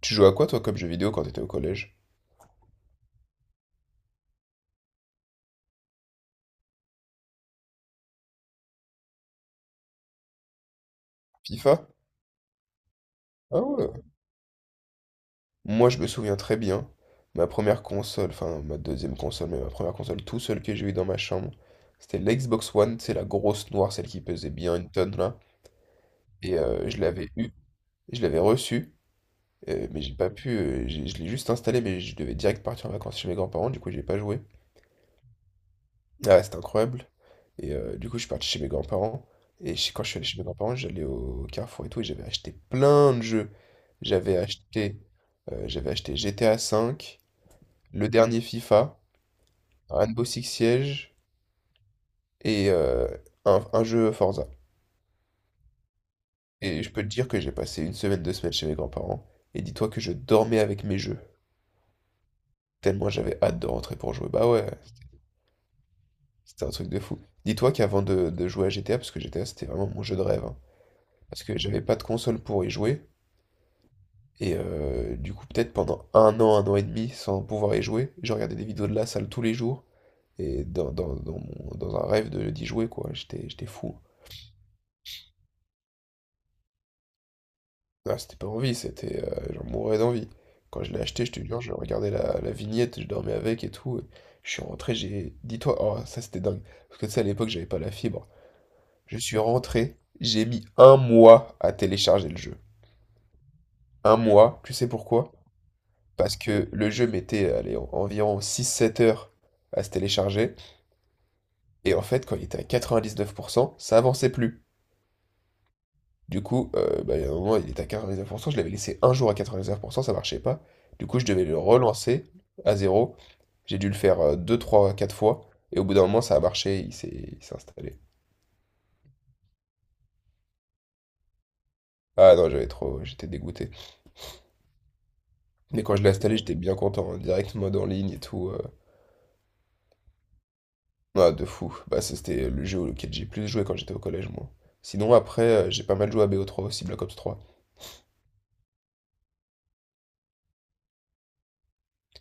Tu jouais à quoi toi comme jeu vidéo quand t'étais au collège? FIFA? Ah ouais. Moi je me souviens très bien, ma première console, enfin ma deuxième console, mais ma première console tout seul que j'ai eu dans ma chambre, c'était l'Xbox One, c'est la grosse noire, celle qui pesait bien une tonne là. Et je l'avais eu, je l'avais reçu, mais j'ai pas pu, je l'ai juste installé, mais je devais direct partir en vacances chez mes grands-parents, du coup j'ai pas joué. Ah ouais, c'était incroyable. Et du coup, je suis parti chez mes grands-parents. Et quand je suis allé chez mes grands-parents, j'allais au Carrefour et tout, et j'avais acheté plein de jeux. J'avais acheté, J'avais acheté GTA V, le dernier FIFA, Rainbow Six Siege et un jeu Forza. Et je peux te dire que j'ai passé une semaine, deux semaines chez mes grands-parents. Et dis-toi que je dormais avec mes jeux. Tellement j'avais hâte de rentrer pour jouer. Bah ouais, c'était un truc de fou. Dis-toi qu'avant de jouer à GTA, parce que GTA c'était vraiment mon jeu de rêve, hein, parce que j'avais pas de console pour y jouer. Et du coup, peut-être pendant un an et demi, sans pouvoir y jouer, je regardais des vidéos de la salle tous les jours. Et dans un rêve d'y jouer, quoi. J'étais fou. Ah, c'était pas envie, c'était. J'en mourais d'envie. Quand je l'ai acheté, je te jure, je regardais la vignette, je dormais avec et tout. Je suis rentré, j'ai. Dis-toi, oh, ça c'était dingue. Parce que tu sais, à l'époque, j'avais pas la fibre. Je suis rentré, j'ai mis un mois à télécharger le jeu. Un mois, tu sais pourquoi? Parce que le jeu mettait, allez, environ six sept heures à se télécharger. Et en fait, quand il était à 99%, ça avançait plus. Du coup, bah, il un moment, il était à 99%, je l'avais laissé un jour à 99%, ça marchait pas. Du coup, je devais le relancer à zéro. J'ai dû le faire 2, 3, 4 fois. Et au bout d'un moment, ça a marché, il s'est installé. Ah non, j'avais trop, j'étais dégoûté. Mais quand je l'ai installé, j'étais bien content, hein, direct mode en ligne et tout. Ah, de fou. Bah, ça, c'était le jeu auquel j'ai plus joué quand j'étais au collège, moi. Sinon, après, j'ai pas mal joué à BO3 aussi, Black Ops 3.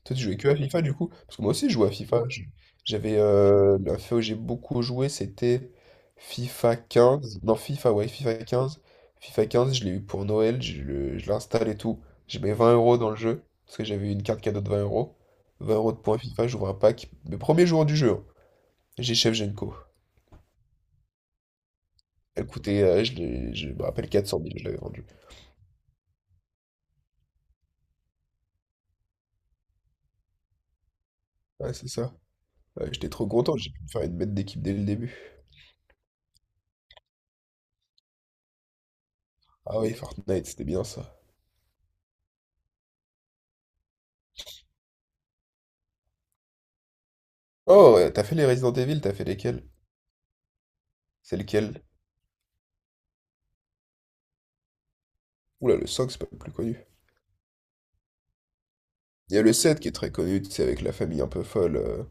Toi, tu jouais que à FIFA du coup? Parce que moi aussi, je jouais à FIFA. J'avais la fois où j'ai beaucoup joué, c'était FIFA 15. Non, FIFA, ouais, FIFA quinze. Je l'ai eu pour Noël, je l'installe et tout. J'ai mis 20 € dans le jeu, parce que j'avais eu une carte cadeau de 20 euros. Vingt euros de points FIFA, j'ouvre un pack. Le premier jour du jeu, hein. J'ai Chef Genko. Elle coûtait, je me rappelle, 400 000, je l'avais vendu. Ouais, c'est ça. Ouais, j'étais trop content, j'ai pu me faire une bête d'équipe dès le début. Ah oui, Fortnite, c'était bien ça. Oh, ouais, t'as fait les Resident Evil, t'as fait lesquels? C'est lequel? Oula, le 5, c'est pas le plus connu. Il y a le 7 qui est très connu, c'est avec la famille un peu folle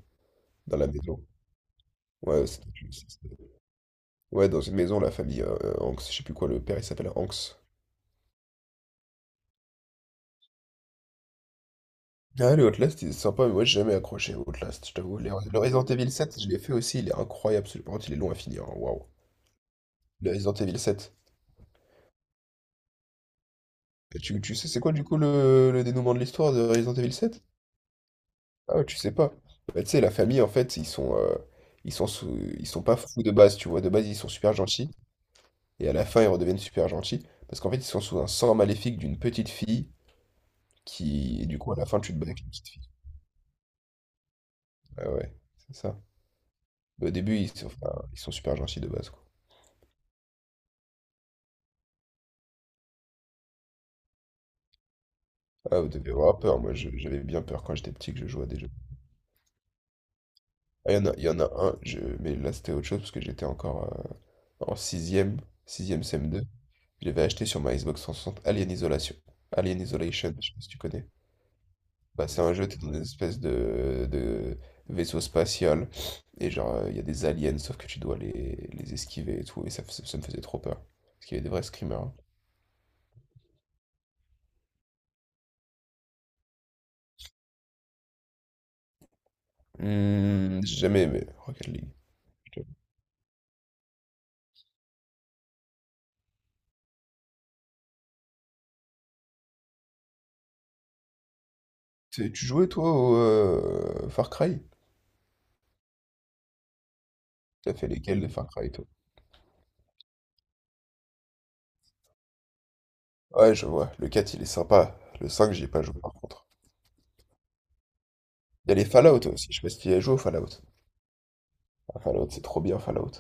dans la maison. Ouais, c'est- ouais, dans une maison, la famille Hanks, je sais plus quoi, le père il s'appelle Hanks. Ah, le Outlast, il est sympa, mais moi j'ai jamais accroché au Outlast, je t'avoue. Le Resident Evil 7, je l'ai fait aussi, il est incroyable, par contre il est long à finir, hein, waouh. Le Resident Evil 7. Et tu sais, c'est quoi du coup le dénouement de l'histoire de Resident Evil 7? Ah ouais, tu sais pas. Bah, tu sais, la famille en fait, ils sont pas fous de base, tu vois. De base, ils sont super gentils. Et à la fin, ils redeviennent super gentils parce qu'en fait, ils sont sous un sang maléfique d'une petite fille qui. Et du coup, à la fin, tu te bats avec la petite fille. Ah ouais, c'est ça. Mais au début, ils sont, enfin, ils sont super gentils de base, quoi. Ah, vous devez avoir peur. Moi, j'avais bien peur quand j'étais petit que je jouais à des jeux. Ah, il y en a un, mais là, c'était autre chose parce que j'étais encore en 6ème, 6ème cm Je l'avais acheté sur ma Xbox 360 Alien Isolation. Alien Isolation, je sais pas si tu connais. Bah, c'est un jeu, t'es dans une espèce de vaisseau spatial. Et genre, il y a des aliens, sauf que tu dois les esquiver et tout. Et ça me faisait trop peur. Parce qu'il y avait des vrais screamers, hein. Hmm, j'ai jamais aimé Rocket League. Je Tu jouais toi au Far Cry? T'as fait lesquels de Far Cry toi? Ouais, je vois. Le 4 il est sympa. Le 5 j'y ai pas joué par contre. Il y a les Fallout aussi. Je sais pas si tu y as joué au Fallout. Ah, Fallout, c'est trop bien, Fallout.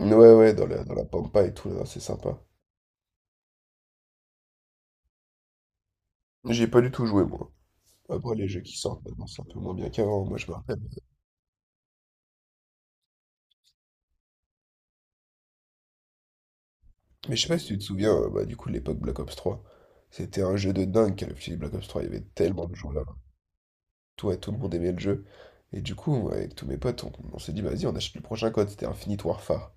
Ouais, ouais, dans la pampa et tout, là, c'est sympa. J'ai pas du tout joué, moi. Après, les jeux qui sortent maintenant, c'est un peu moins bien qu'avant, moi je me rappelle. Mais je sais pas si tu te souviens, bah, du coup, de l'époque Black Ops 3. C'était un jeu de dingue, Call of Duty Black Ops 3. Il y avait tellement de joueurs, là. Ouais, tout le monde aimait le jeu. Et du coup, moi, avec tous mes potes, on s'est dit, vas-y, on achète le prochain code. C'était Infinite Warfare.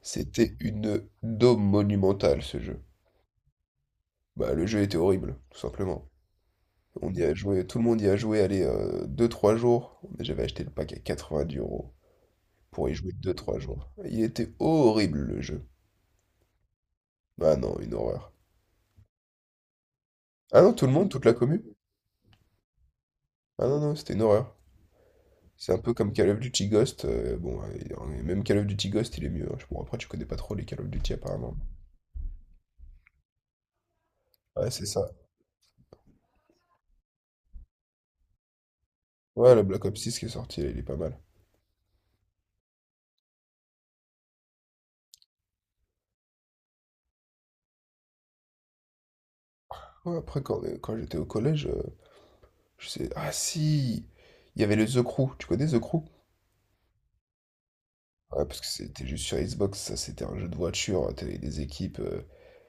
C'était une daube monumentale, ce jeu. Bah, le jeu était horrible, tout simplement. On y a joué, tout le monde y a joué, allez, deux trois jours. Mais j'avais acheté le pack à 90 € pour y jouer deux trois jours. Il était horrible, le jeu. Bah non, une horreur. Ah non, tout le monde, toute la commune? Ah non, non, c'était une horreur. C'est un peu comme Call of Duty Ghost. Bon, même Call of Duty Ghost, il est mieux, hein. Bon, après, tu connais pas trop les Call of Duty apparemment. Ouais, c'est ça. Ouais, le Black Ops 6 qui est sorti, là, il est pas mal. Ouais, après, quand, quand j'étais au collège, je sais. Ah si! Il y avait le The Crew. Tu connais The Crew? Ouais, parce que c'était juste sur Xbox, ça, c'était un jeu de voiture, hein. T'avais des équipes,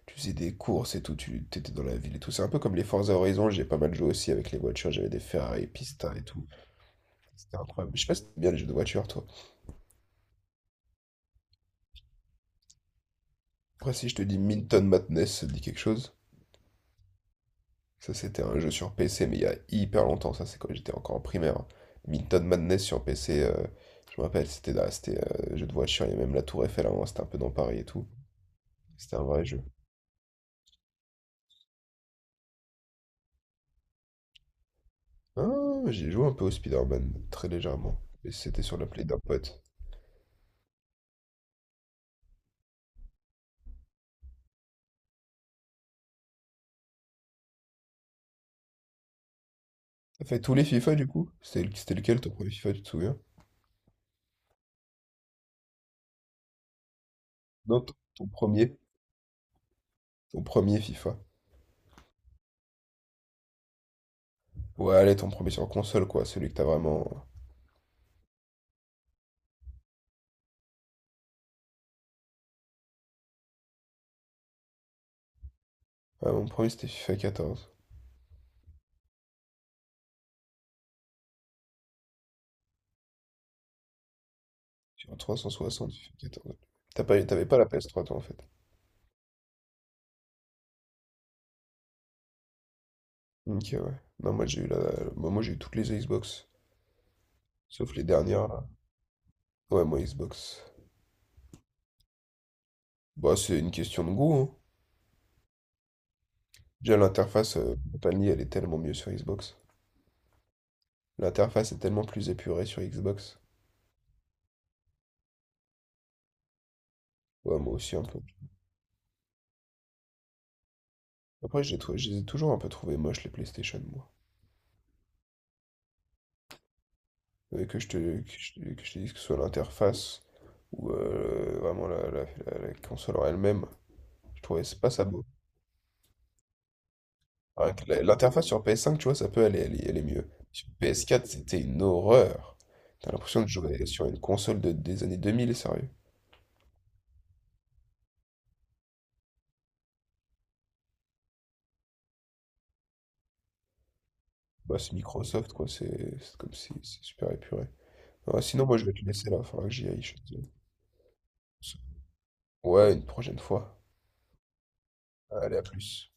tu faisais des courses et tout, tu t'étais dans la ville et tout. C'est un peu comme les Forza Horizon, j'ai pas mal joué aussi avec les voitures. J'avais des Ferrari Pista et tout. C'était incroyable. Je sais pas si t'aimes bien les jeux de voiture, toi. Après, si je te dis Minton Madness, ça te dit quelque chose? Ça, c'était un jeu sur PC, mais il y a hyper longtemps. Ça, c'est quand j'étais encore en primaire. Minton Madness sur PC, je me rappelle, c'était là, c'était jeu de voiture. Il y a même la Tour Eiffel avant, c'était un peu dans Paris et tout. C'était un vrai jeu. Ah, j'ai joué un peu au Spider-Man, très légèrement. Et c'était sur la Play d'un pote. T'as fait tous les FIFA, du coup? C'était c'était lequel ton premier FIFA, tu te souviens? Non, ton premier. Ton premier FIFA. Ouais, allez, ton premier sur console, quoi. Celui que t'as vraiment. Ah, mon premier, c'était FIFA 14. Sur 360, FIFA 14. T'avais pas la PS3, toi, en fait. Ok, ouais. Non, moi, j'ai eu la... bah, moi, j'ai eu toutes les Xbox. Sauf les dernières, là. Ouais, moi, Xbox. Bah, c'est une question de goût, hein. Déjà, l'interface, faut pas le nier, elle est tellement mieux sur Xbox. L'interface est tellement plus épurée sur Xbox. Ouais, moi aussi, un peu. Après, je les ai toujours un peu trouvés moches, les PlayStation, moi. Que je te dise que ce soit l'interface ou vraiment la console en elle-même. Je trouvais c'est pas ça. Ouais, l'interface sur PS5, tu vois, ça peut aller, elle est, elle est, mieux. Sur PS4, c'était une horreur. T'as l'impression de jouer sur une console des années 2000, sérieux. Bah, c'est Microsoft, quoi, c'est comme si c'est super épuré. Ouais, sinon, moi, je vais te laisser là, faudra que j'y aille. Ouais, une prochaine fois. Allez, à plus.